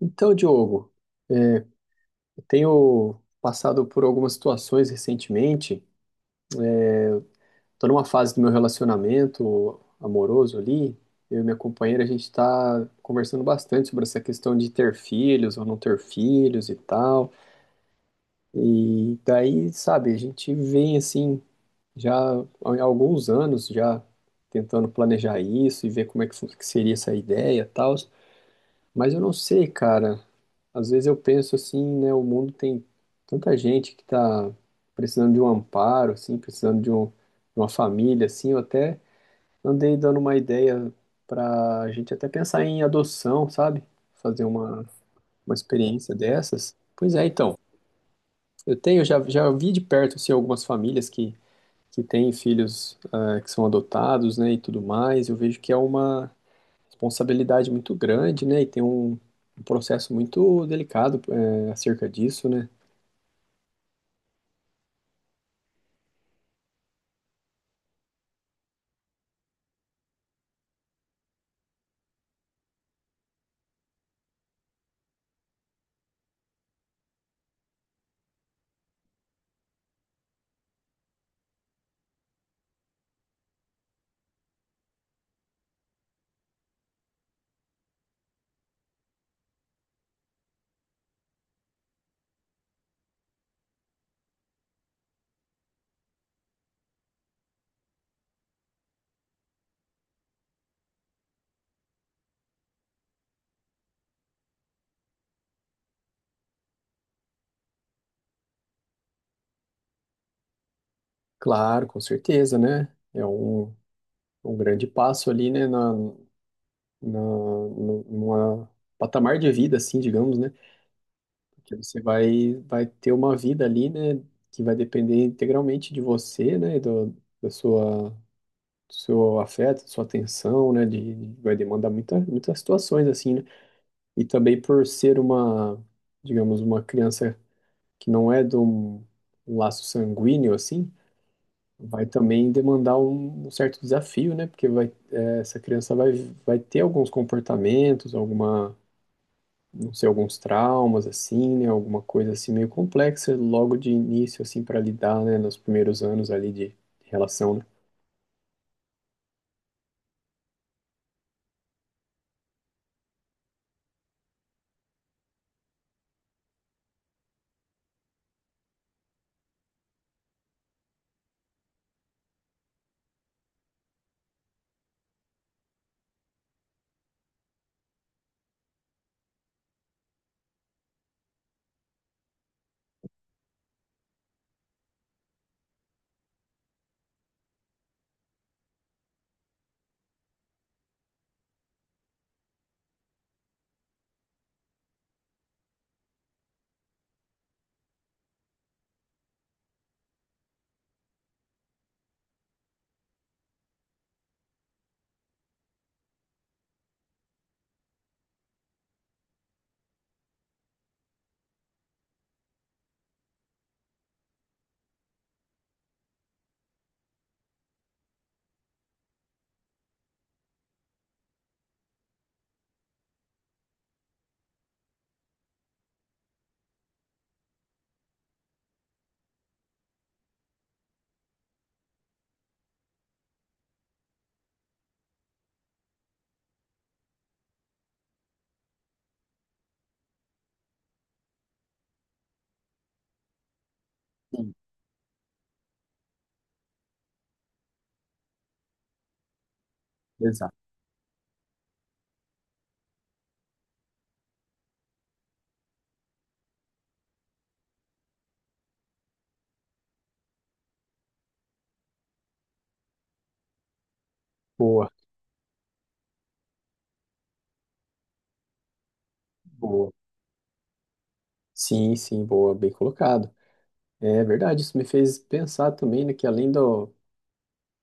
Então, Diogo, eu tenho passado por algumas situações recentemente. Estou numa fase do meu relacionamento amoroso ali. Eu e minha companheira, a gente está conversando bastante sobre essa questão de ter filhos ou não ter filhos e tal. E daí, sabe, a gente vem assim, já há alguns anos já tentando planejar isso e ver como é que seria essa ideia e tal. Mas eu não sei, cara. Às vezes eu penso assim, né? O mundo tem tanta gente que tá precisando de um amparo, assim, precisando de uma família, assim. Eu até andei dando uma ideia pra gente até pensar em adoção, sabe? Fazer uma, uma experiência dessas. Pois é, então. Eu tenho, já vi de perto, assim, algumas famílias que têm filhos, que são adotados, né, e tudo mais. Eu vejo que é uma responsabilidade muito grande, né? E tem um processo muito delicado acerca disso, né? Claro, com certeza, né? Um grande passo ali, né? Na, na, no- numa patamar de vida, assim, digamos, né? Porque você vai ter uma vida ali, né? Que vai depender integralmente de você, né? Do seu afeto, sua atenção, né? Vai demandar muitas situações, assim, né? E também por ser digamos, uma criança que não é de um laço sanguíneo assim, vai também demandar um certo desafio, né? Porque essa criança vai ter alguns comportamentos, não sei, alguns traumas assim, né? Alguma coisa assim meio complexa logo de início assim para lidar, né? Nos primeiros anos ali de relação, né? Sim, exato. Boa, boa. Sim, sim, boa, bem colocado. É verdade, isso me fez pensar também, né, que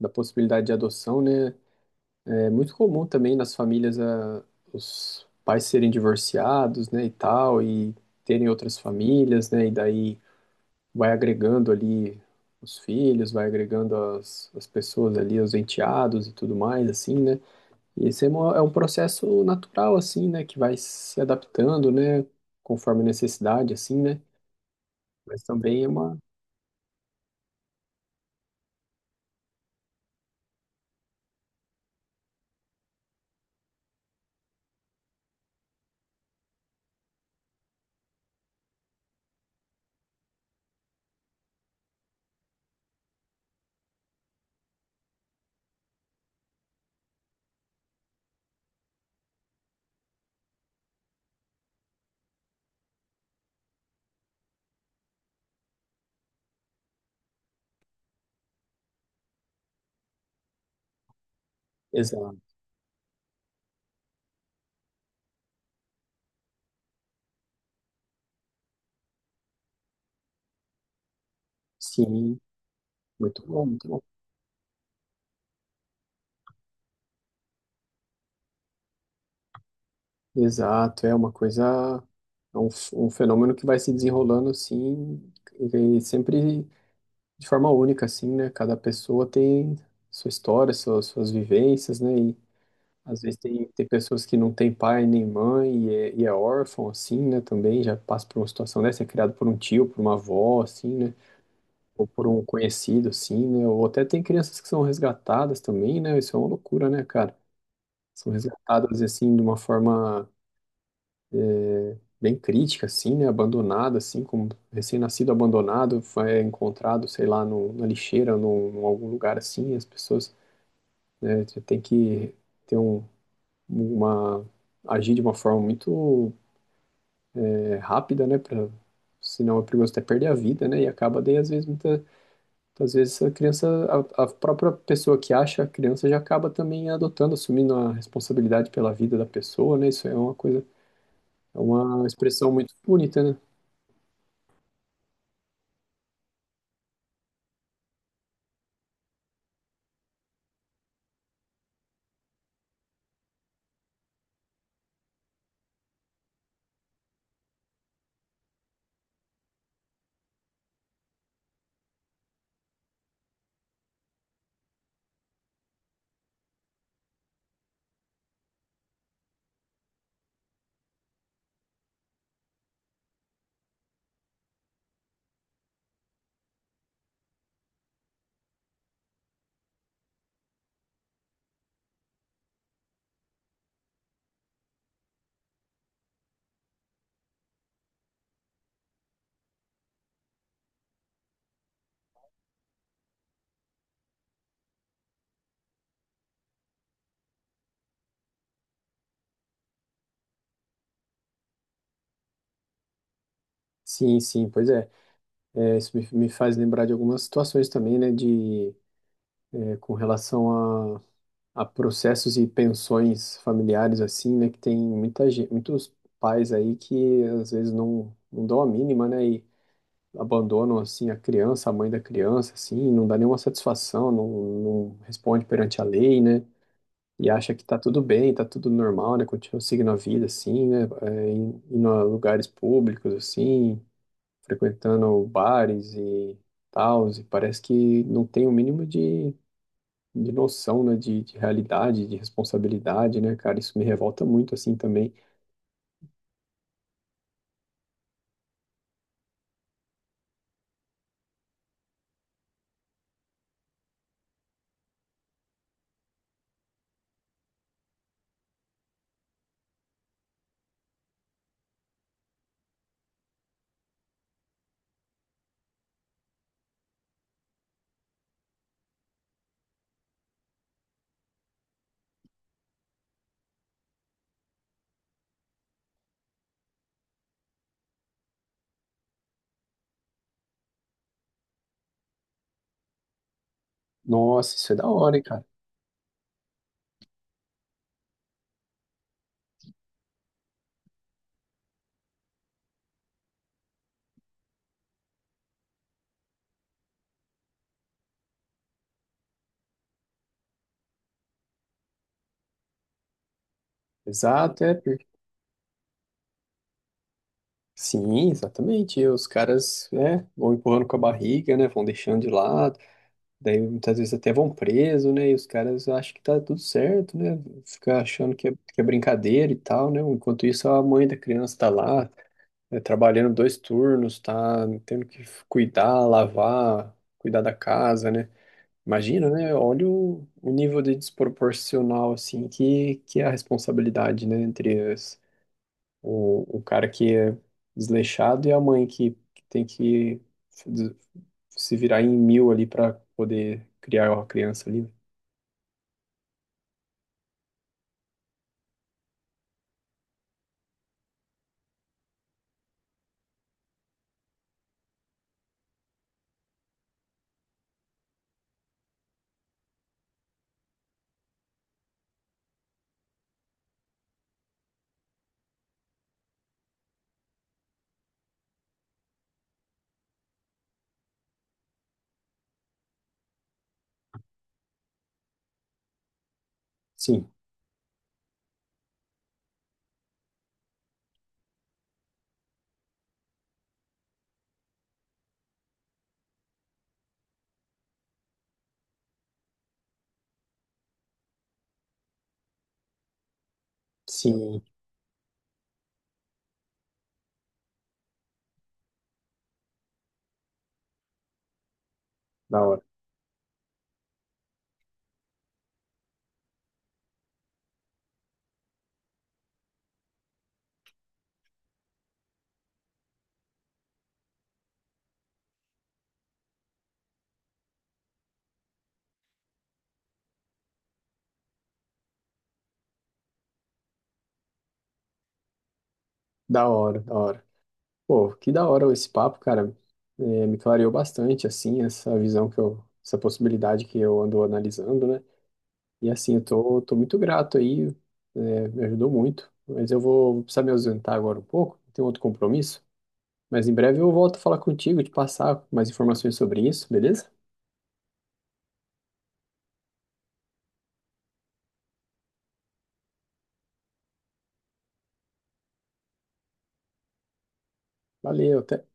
da possibilidade de adoção, né, é muito comum também nas famílias, os pais serem divorciados, né, e tal, e terem outras famílias, né, e daí vai agregando ali os filhos, vai agregando as pessoas ali, os enteados e tudo mais, assim, né. E é um processo natural, assim, né, que vai se adaptando, né, conforme a necessidade, assim, né. Mas também é uma... Exato. Sim, muito bom, muito bom. Exato, é uma coisa, um fenômeno que vai se desenrolando assim, e sempre de forma única, assim, né? Cada pessoa tem sua história, suas vivências, né? E às vezes tem pessoas que não têm pai nem mãe e é órfão, assim, né? Também já passa por uma situação dessa, é criado por um tio, por uma avó, assim, né? Ou por um conhecido, assim, né? Ou até tem crianças que são resgatadas também, né? Isso é uma loucura, né, cara? São resgatadas, assim, de uma forma bem crítica, assim, né? Abandonada, assim, como recém-nascido abandonado, foi encontrado, sei lá, no, na lixeira, num algum lugar assim. As pessoas, né, já tem que ter um, uma agir de uma forma muito rápida, né? Pra, senão é perigoso até perder a vida, né? E acaba daí, às vezes, às vezes a própria pessoa que acha a criança já acaba também adotando, assumindo a responsabilidade pela vida da pessoa, né? Isso é uma coisa, é uma expressão muito bonita, né? Sim, sim, pois é. É, isso me faz lembrar de algumas situações também, né, com relação a processos e pensões familiares, assim, né, que tem muitos pais aí que às vezes não dão a mínima, né, e abandonam, assim, a criança, a mãe da criança, assim, não dá nenhuma satisfação, não responde perante a lei, né, e acha que tá tudo bem, tá tudo normal, né, continua seguindo a vida, assim, né, indo a lugares públicos, assim, frequentando bares e tal, e parece que não tem o mínimo de noção, né, de realidade, de responsabilidade, né, cara? Isso me revolta muito, assim, também. Nossa, isso é da hora, hein, cara? Exato. Sim, exatamente. E os caras, né, vão empurrando com a barriga, né, vão deixando de lado, daí muitas vezes até vão preso, né, e os caras acham que tá tudo certo, né, fica achando que é brincadeira e tal, né, enquanto isso a mãe da criança tá lá, né, trabalhando dois turnos, tá tendo que cuidar, lavar, cuidar da casa, né? Imagina, né? Olha o nível de desproporcional, assim, que é a responsabilidade, né? O cara que é desleixado e a mãe que tem que se virar em mil ali para poder criar uma criança ali. Sim, sim, da hora, da hora, da hora. Pô, que da hora esse papo, cara. É, me clareou bastante, assim, essa visão essa possibilidade que eu ando analisando, né? E assim, tô muito grato aí, me ajudou muito. Mas eu vou precisar me ausentar agora um pouco, tenho outro compromisso. Mas em breve eu volto a falar contigo, te passar mais informações sobre isso, beleza? Valeu, até.